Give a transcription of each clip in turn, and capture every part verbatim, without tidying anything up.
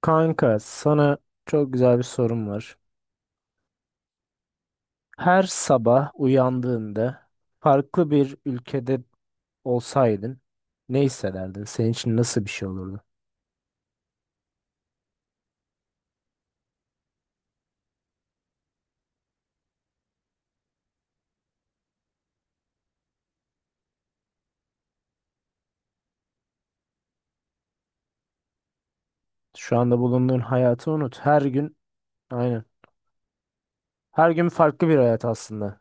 Kanka, sana çok güzel bir sorum var. Her sabah uyandığında farklı bir ülkede olsaydın ne hissederdin? Senin için nasıl bir şey olurdu? Şu anda bulunduğun hayatı unut. Her gün aynen. Her gün farklı bir hayat aslında.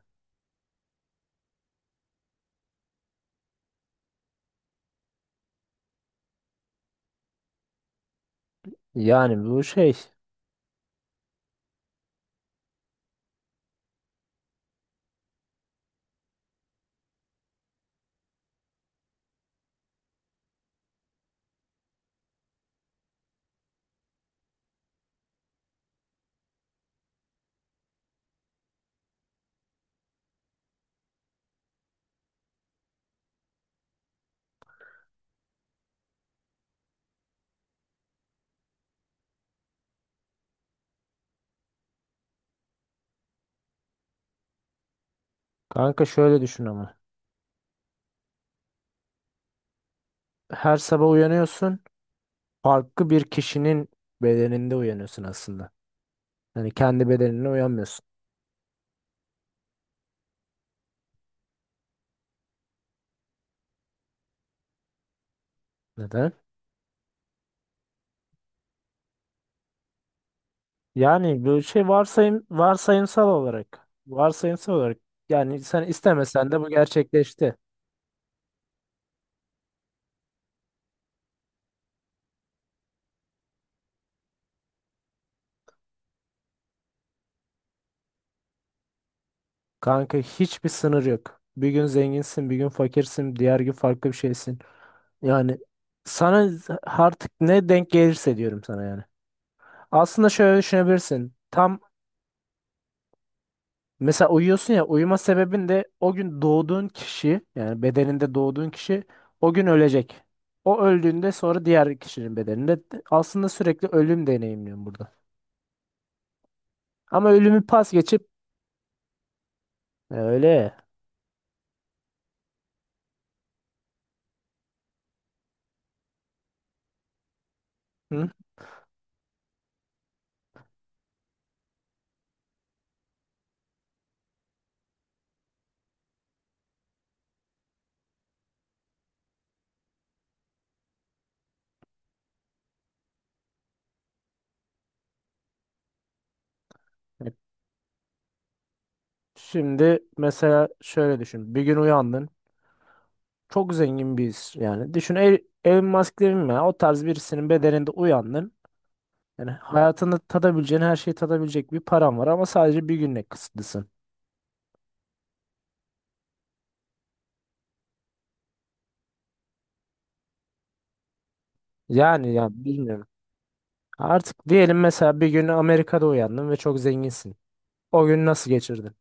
Yani bu şey. Kanka şöyle düşün ama. Her sabah uyanıyorsun. Farklı bir kişinin bedeninde uyanıyorsun aslında. Yani kendi bedenine uyanmıyorsun. Neden? Yani böyle şey varsayım varsayımsal olarak varsayımsal olarak yani sen istemesen de bu gerçekleşti. Kanka hiçbir sınır yok. Bir gün zenginsin, bir gün fakirsin, diğer gün farklı bir şeysin. Yani sana z- artık ne denk gelirse diyorum sana yani. Aslında şöyle düşünebilirsin. Tam mesela uyuyorsun ya uyuma sebebin de o gün doğduğun kişi yani bedeninde doğduğun kişi o gün ölecek. O öldüğünde sonra diğer kişinin bedeninde aslında sürekli ölüm deneyimliyorum burada. Ama ölümü pas geçip E, öyle. Hı? E, şimdi mesela şöyle düşün. Bir gün uyandın. Çok zengin birisi yani. Düşün El- Elon Musk demeyeyim ya. O tarz birisinin bedeninde uyandın. Yani hayatını tadabileceğin her şeyi tadabilecek bir paran var ama sadece bir günle kısıtlısın. Yani ya bilmiyorum. Artık diyelim mesela bir gün Amerika'da uyandın ve çok zenginsin. O gün nasıl geçirdin?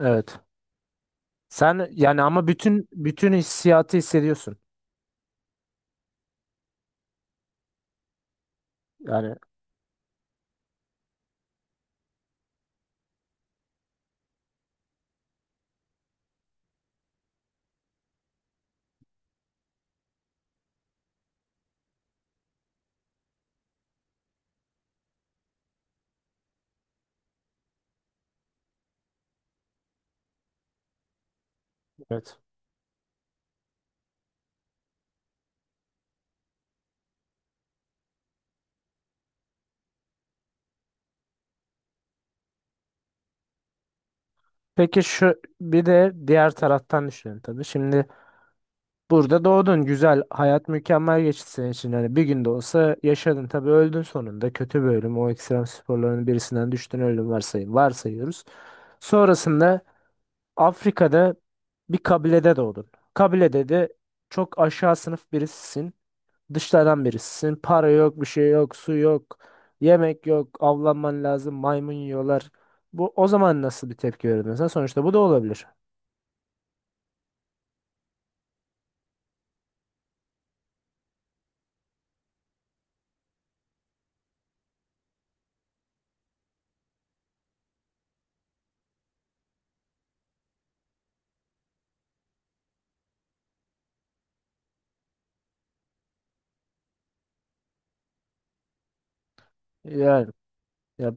Evet. Sen yani ama bütün bütün hissiyatı hissediyorsun. Yani evet. Peki şu bir de diğer taraftan düşünün tabii. Şimdi burada doğdun güzel hayat mükemmel geçti senin için. Hani bir gün de olsa yaşadın tabii öldün sonunda kötü bir ölüm. O ekstrem sporların birisinden düştün öldün varsayın, varsayıyoruz. Sonrasında Afrika'da bir kabilede doğdun. Kabilede de çok aşağı sınıf birisisin. Dışlardan birisisin. Para yok, bir şey yok, su yok, yemek yok, avlanman lazım, maymun yiyorlar. Bu o zaman nasıl bir tepki verirdin sen? Sonuçta bu da olabilir. Yani ya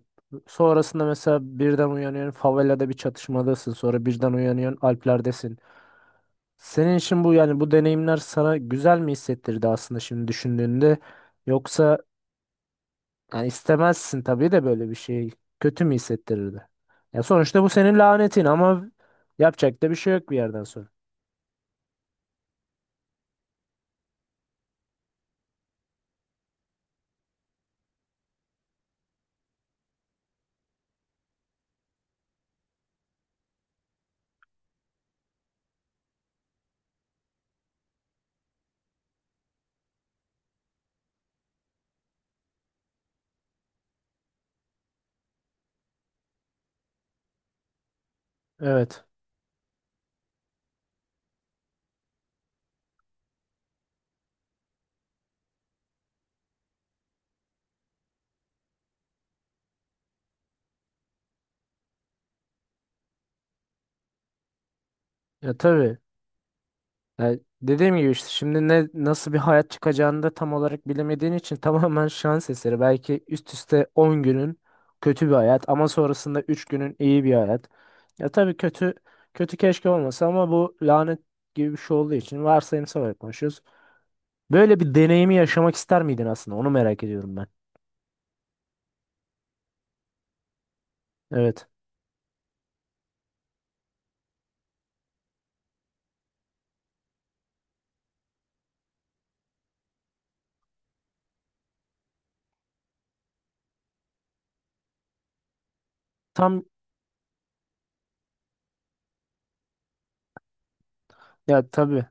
sonrasında mesela birden uyanıyorsun favelada bir çatışmadasın sonra birden uyanıyorsun Alplerdesin. Senin için bu yani bu deneyimler sana güzel mi hissettirdi aslında şimdi düşündüğünde yoksa yani istemezsin tabii de böyle bir şey kötü mü hissettirirdi? Ya sonuçta bu senin lanetin ama yapacak da bir şey yok bir yerden sonra. Evet. Ya tabii. Ya dediğim gibi işte şimdi ne nasıl bir hayat çıkacağını da tam olarak bilemediğin için tamamen şans eseri. Belki üst üste on günün kötü bir hayat ama sonrasında üç günün iyi bir hayat. Ya tabii kötü kötü keşke olmasa ama bu lanet gibi bir şey olduğu için varsayımsal olarak konuşuyoruz. Böyle bir deneyimi yaşamak ister miydin aslında? Onu merak ediyorum ben. Evet. Tam ya tabii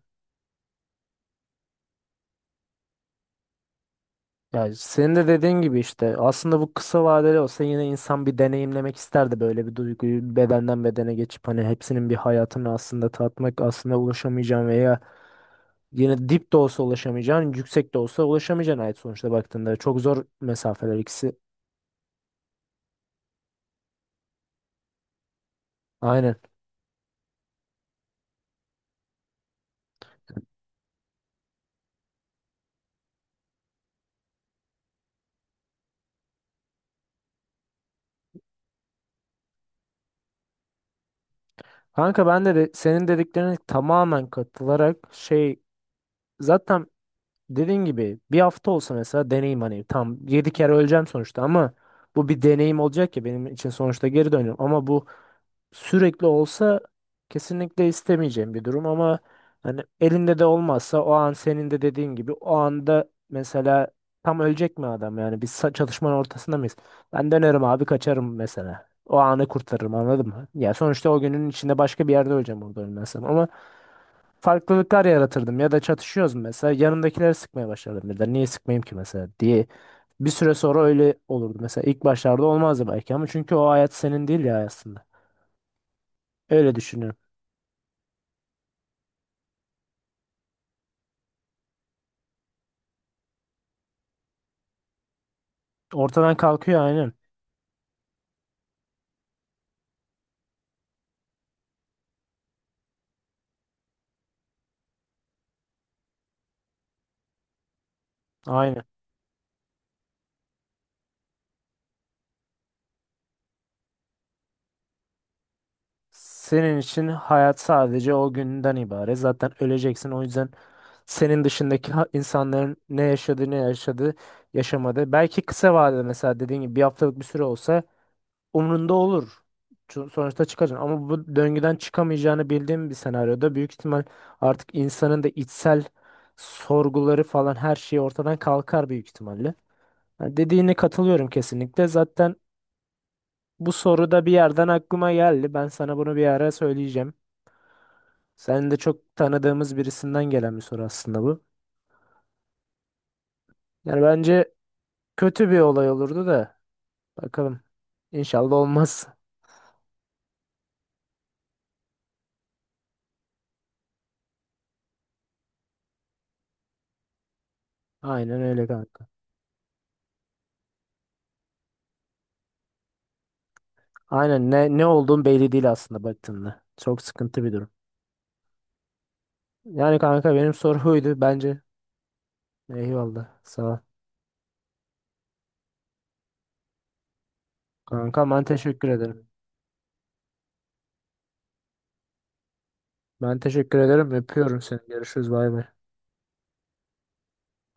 ya senin de dediğin gibi işte aslında bu kısa vadeli olsa yine insan bir deneyimlemek isterdi böyle bir duyguyu bedenden bedene geçip hani hepsinin bir hayatını aslında tatmak aslında ulaşamayacağın veya yine dip de olsa ulaşamayacağın yüksek de olsa ulaşamayacağın ait sonuçta baktığında çok zor mesafeler ikisi. Aynen. Kanka ben de, de senin dediklerine tamamen katılarak şey zaten dediğin gibi bir hafta olsa mesela deneyim hani tam yedi kere öleceğim sonuçta ama bu bir deneyim olacak ya benim için sonuçta geri dönüyorum ama bu sürekli olsa kesinlikle istemeyeceğim bir durum ama hani elinde de olmazsa o an senin de dediğin gibi o anda mesela tam ölecek mi adam yani biz sa- çatışmanın ortasında mıyız? Ben dönerim abi kaçarım mesela. O anı kurtarırım anladın mı? Ya sonuçta o günün içinde başka bir yerde öleceğim orada ölmezsem ama farklılıklar yaratırdım ya da çatışıyoruz mesela yanımdakileri sıkmaya başlardım birden niye sıkmayayım ki mesela diye bir süre sonra öyle olurdu mesela ilk başlarda olmazdı belki ama çünkü o hayat senin değil ya aslında öyle düşünüyorum. Ortadan kalkıyor aynen. Aynen. Senin için hayat sadece o günden ibaret. Zaten öleceksin. O yüzden senin dışındaki ha- insanların ne yaşadığı ne yaşadığı yaşamadı. Belki kısa vadede mesela dediğin gibi bir haftalık bir süre olsa umrunda olur. Ço- Sonuçta çıkacaksın. Ama bu döngüden çıkamayacağını bildiğim bir senaryoda büyük ihtimal artık insanın da içsel sorguları falan her şey ortadan kalkar büyük ihtimalle. Yani dediğine katılıyorum kesinlikle. Zaten bu soru da bir yerden aklıma geldi. Ben sana bunu bir ara söyleyeceğim. Senin de çok tanıdığımız birisinden gelen bir soru aslında bu. Yani bence kötü bir olay olurdu da bakalım. İnşallah olmaz. Aynen öyle kanka. Aynen ne ne olduğun belli değil aslında baktığında. Çok sıkıntı bir durum. Yani kanka benim soru buydu bence. Eyvallah. Sağ ol. Kanka ben teşekkür ederim. Ben teşekkür ederim. Öpüyorum seni. Görüşürüz. Bay bay.